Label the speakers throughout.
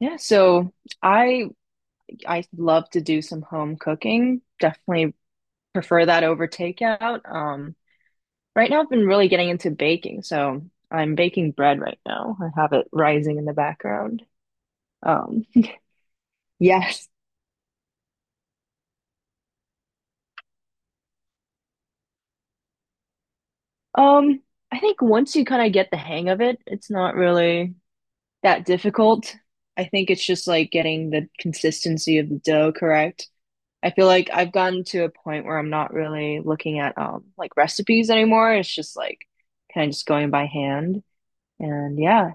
Speaker 1: Yeah, so I I love to do some home cooking. Definitely prefer that over takeout. Right now I've been really getting into baking, so I'm baking bread right now. I have it rising in the background. Um, yes. Um, I think once you kind of get the hang of it, it's not really that difficult. I think it's just like getting the consistency of the dough correct. I feel like I've gotten to a point where I'm not really looking at like recipes anymore. It's just like kind of just going by hand. And yeah.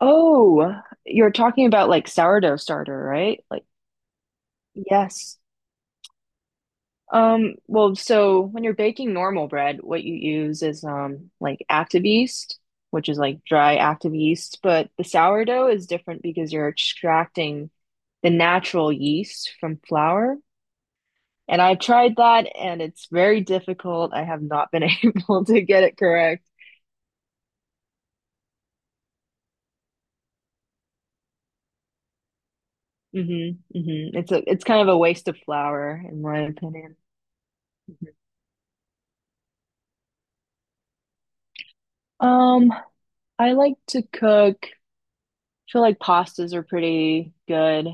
Speaker 1: Oh, you're talking about like sourdough starter, right? Like yes. Well, so when you're baking normal bread, what you use is like active yeast, which is like dry active yeast, but the sourdough is different because you're extracting the natural yeast from flour. And I've tried that and it's very difficult. I have not been able to get it correct. Hmm Hmm. It's kind of a waste of flour in my opinion. Mhm. Um, I like to cook. I feel like pastas are pretty good.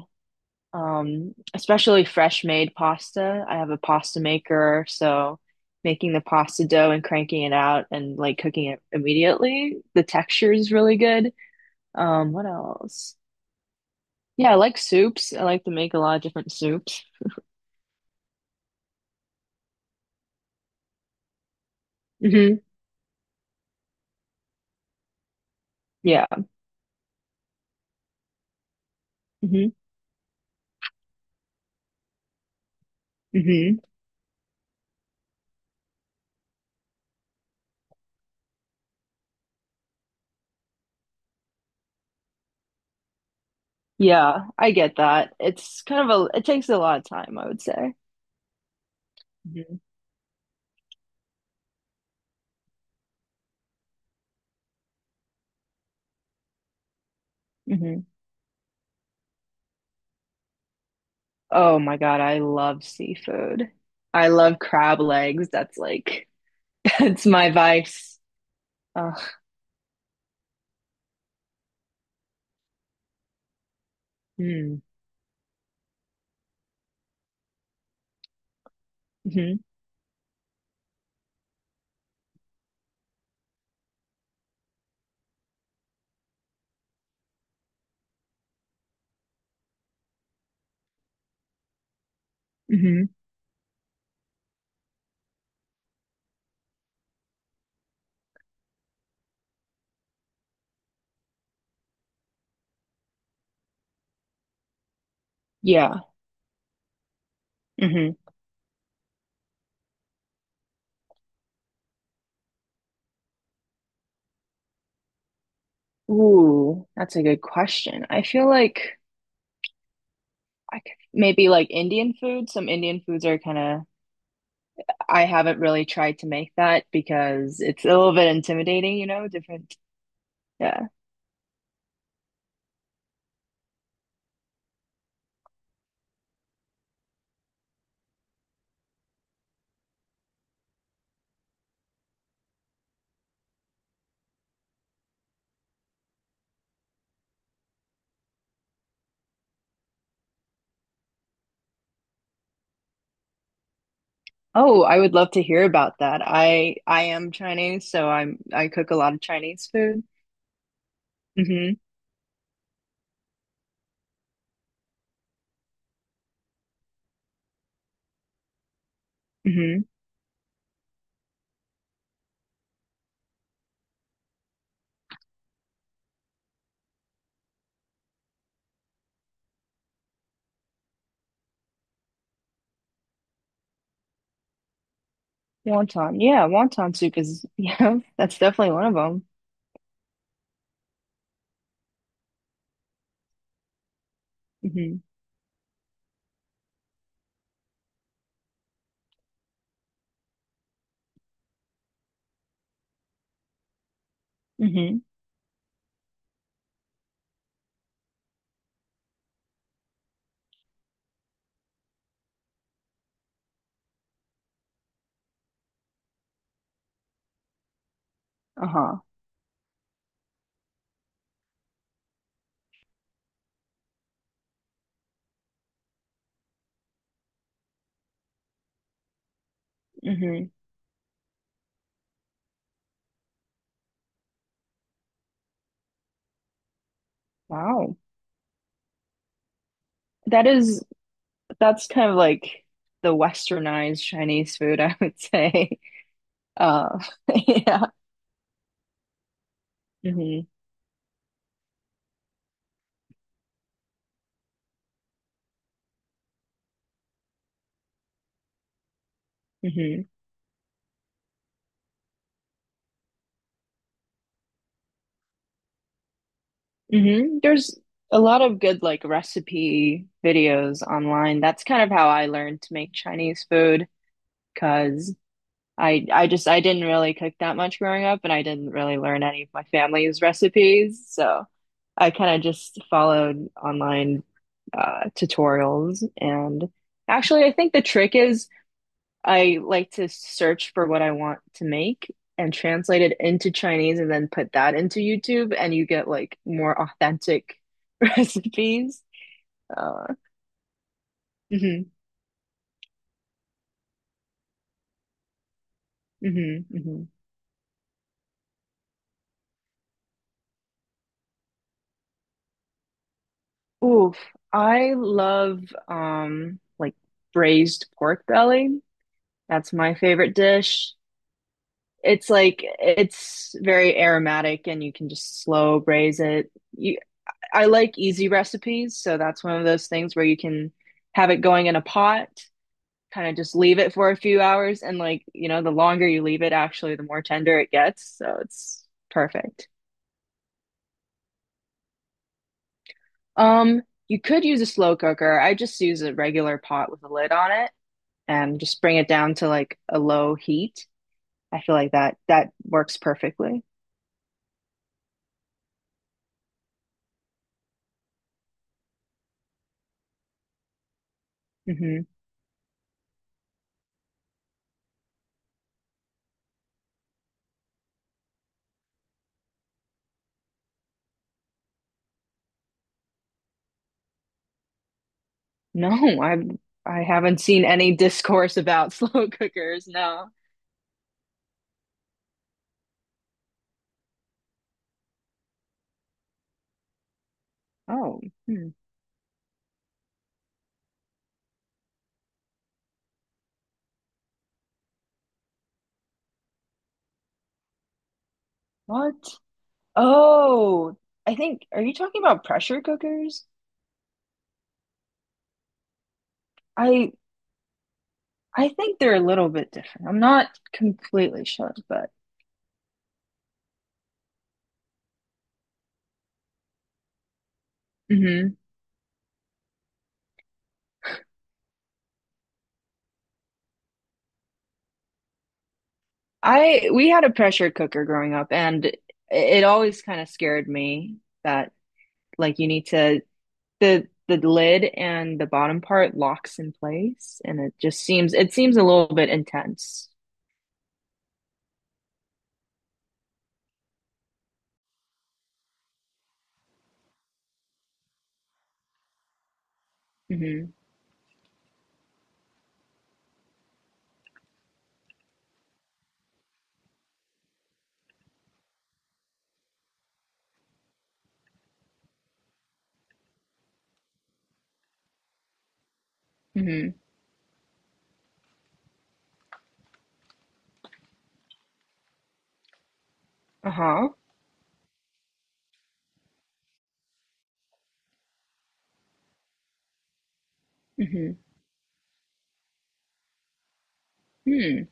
Speaker 1: Especially fresh made pasta. I have a pasta maker, so making the pasta dough and cranking it out and like cooking it immediately, the texture is really good. What else? Yeah, I like soups. I like to make a lot of different soups. Hmm Yeah. hmm Hmm. Yeah, I get that. It takes a lot of time, I would say. Hmm Hmm. Oh my God, I love seafood. I love crab legs. That's like, that's my vice. Ugh. Mm. hmm hmm. Yeah. Hmm. Ooh, that's a good question. I feel like I could maybe like Indian food. Some Indian foods are kind of, I haven't really tried to make that because it's a little bit intimidating, you know, different. Yeah. Oh, I would love to hear about that. I am Chinese, so I cook a lot of Chinese food. Hmm Hmm. Wonton. Yeah, wonton soup is yeah, that's definitely one of them. Hmm hmm. Uh-huh. Hmm. Wow. That is that's kind of like the westernized Chinese food, I would say. Uh yeah. hmm hmm Hmm. There's a lot of good like recipe videos online. That's kind of how I learned to make Chinese food. Because I didn't really cook that much growing up, and I didn't really learn any of my family's recipes, so I kind of just followed online tutorials. And actually, I think the trick is I like to search for what I want to make and translate it into Chinese, and then put that into YouTube, and you get like more authentic recipes. Uh, hmm hmm Hmm. Oof, I love like braised pork belly. That's my favorite dish. It's very aromatic and you can just slow braise it. You, I like easy recipes, so that's one of those things where you can have it going in a pot, kind of just leave it for a few hours and like, you know, the longer you leave it actually the more tender it gets, so it's perfect. Um, you could use a slow cooker. I just use a regular pot with a lid on it. And just bring it down to like a low heat. I feel like that works perfectly. Hmm. No, I I haven't seen any discourse about slow cookers. No. Oh, hmm. What? Oh, I think are you talking about pressure cookers? I I think they're a little bit different. I'm not completely sure, but hmm. I we had a pressure cooker growing up, and it always kind of scared me that like you need to the lid and the bottom part locks in place and it just seems it seems a little bit intense. Mm-hmm. Mm-hmm. Uh-huh. Mm-hmm. Hmm.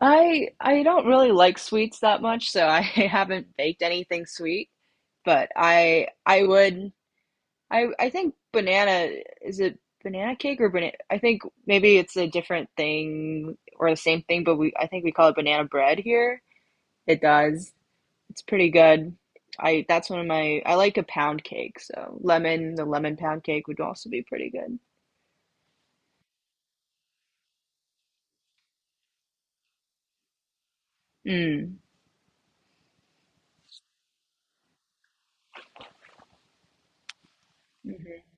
Speaker 1: I don't really like sweets that much, so I haven't baked anything sweet, but I would I think banana is it banana cake or banana I think maybe it's a different thing or the same thing, but we I think we call it banana bread here. It does. It's pretty good. I that's one of my I like a pound cake, so lemon, the lemon pound cake would also be pretty good. Mm. Hmm.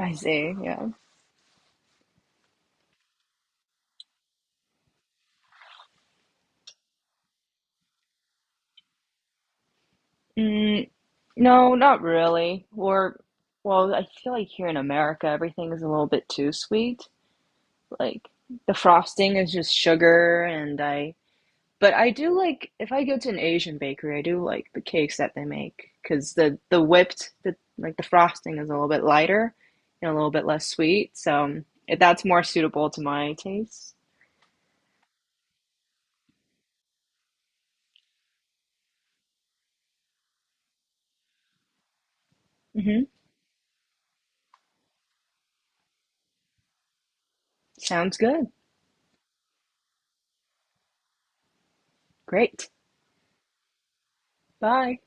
Speaker 1: I see, yeah. Mm, no, not really. Or well, I feel like here in America everything is a little bit too sweet. Like the frosting is just sugar and I But I do like if I go to an Asian bakery, I do like the cakes that they make because the whipped the like the frosting is a little bit lighter and a little bit less sweet. So if that's more suitable to my taste. Hmm. Sounds good. Great. Bye.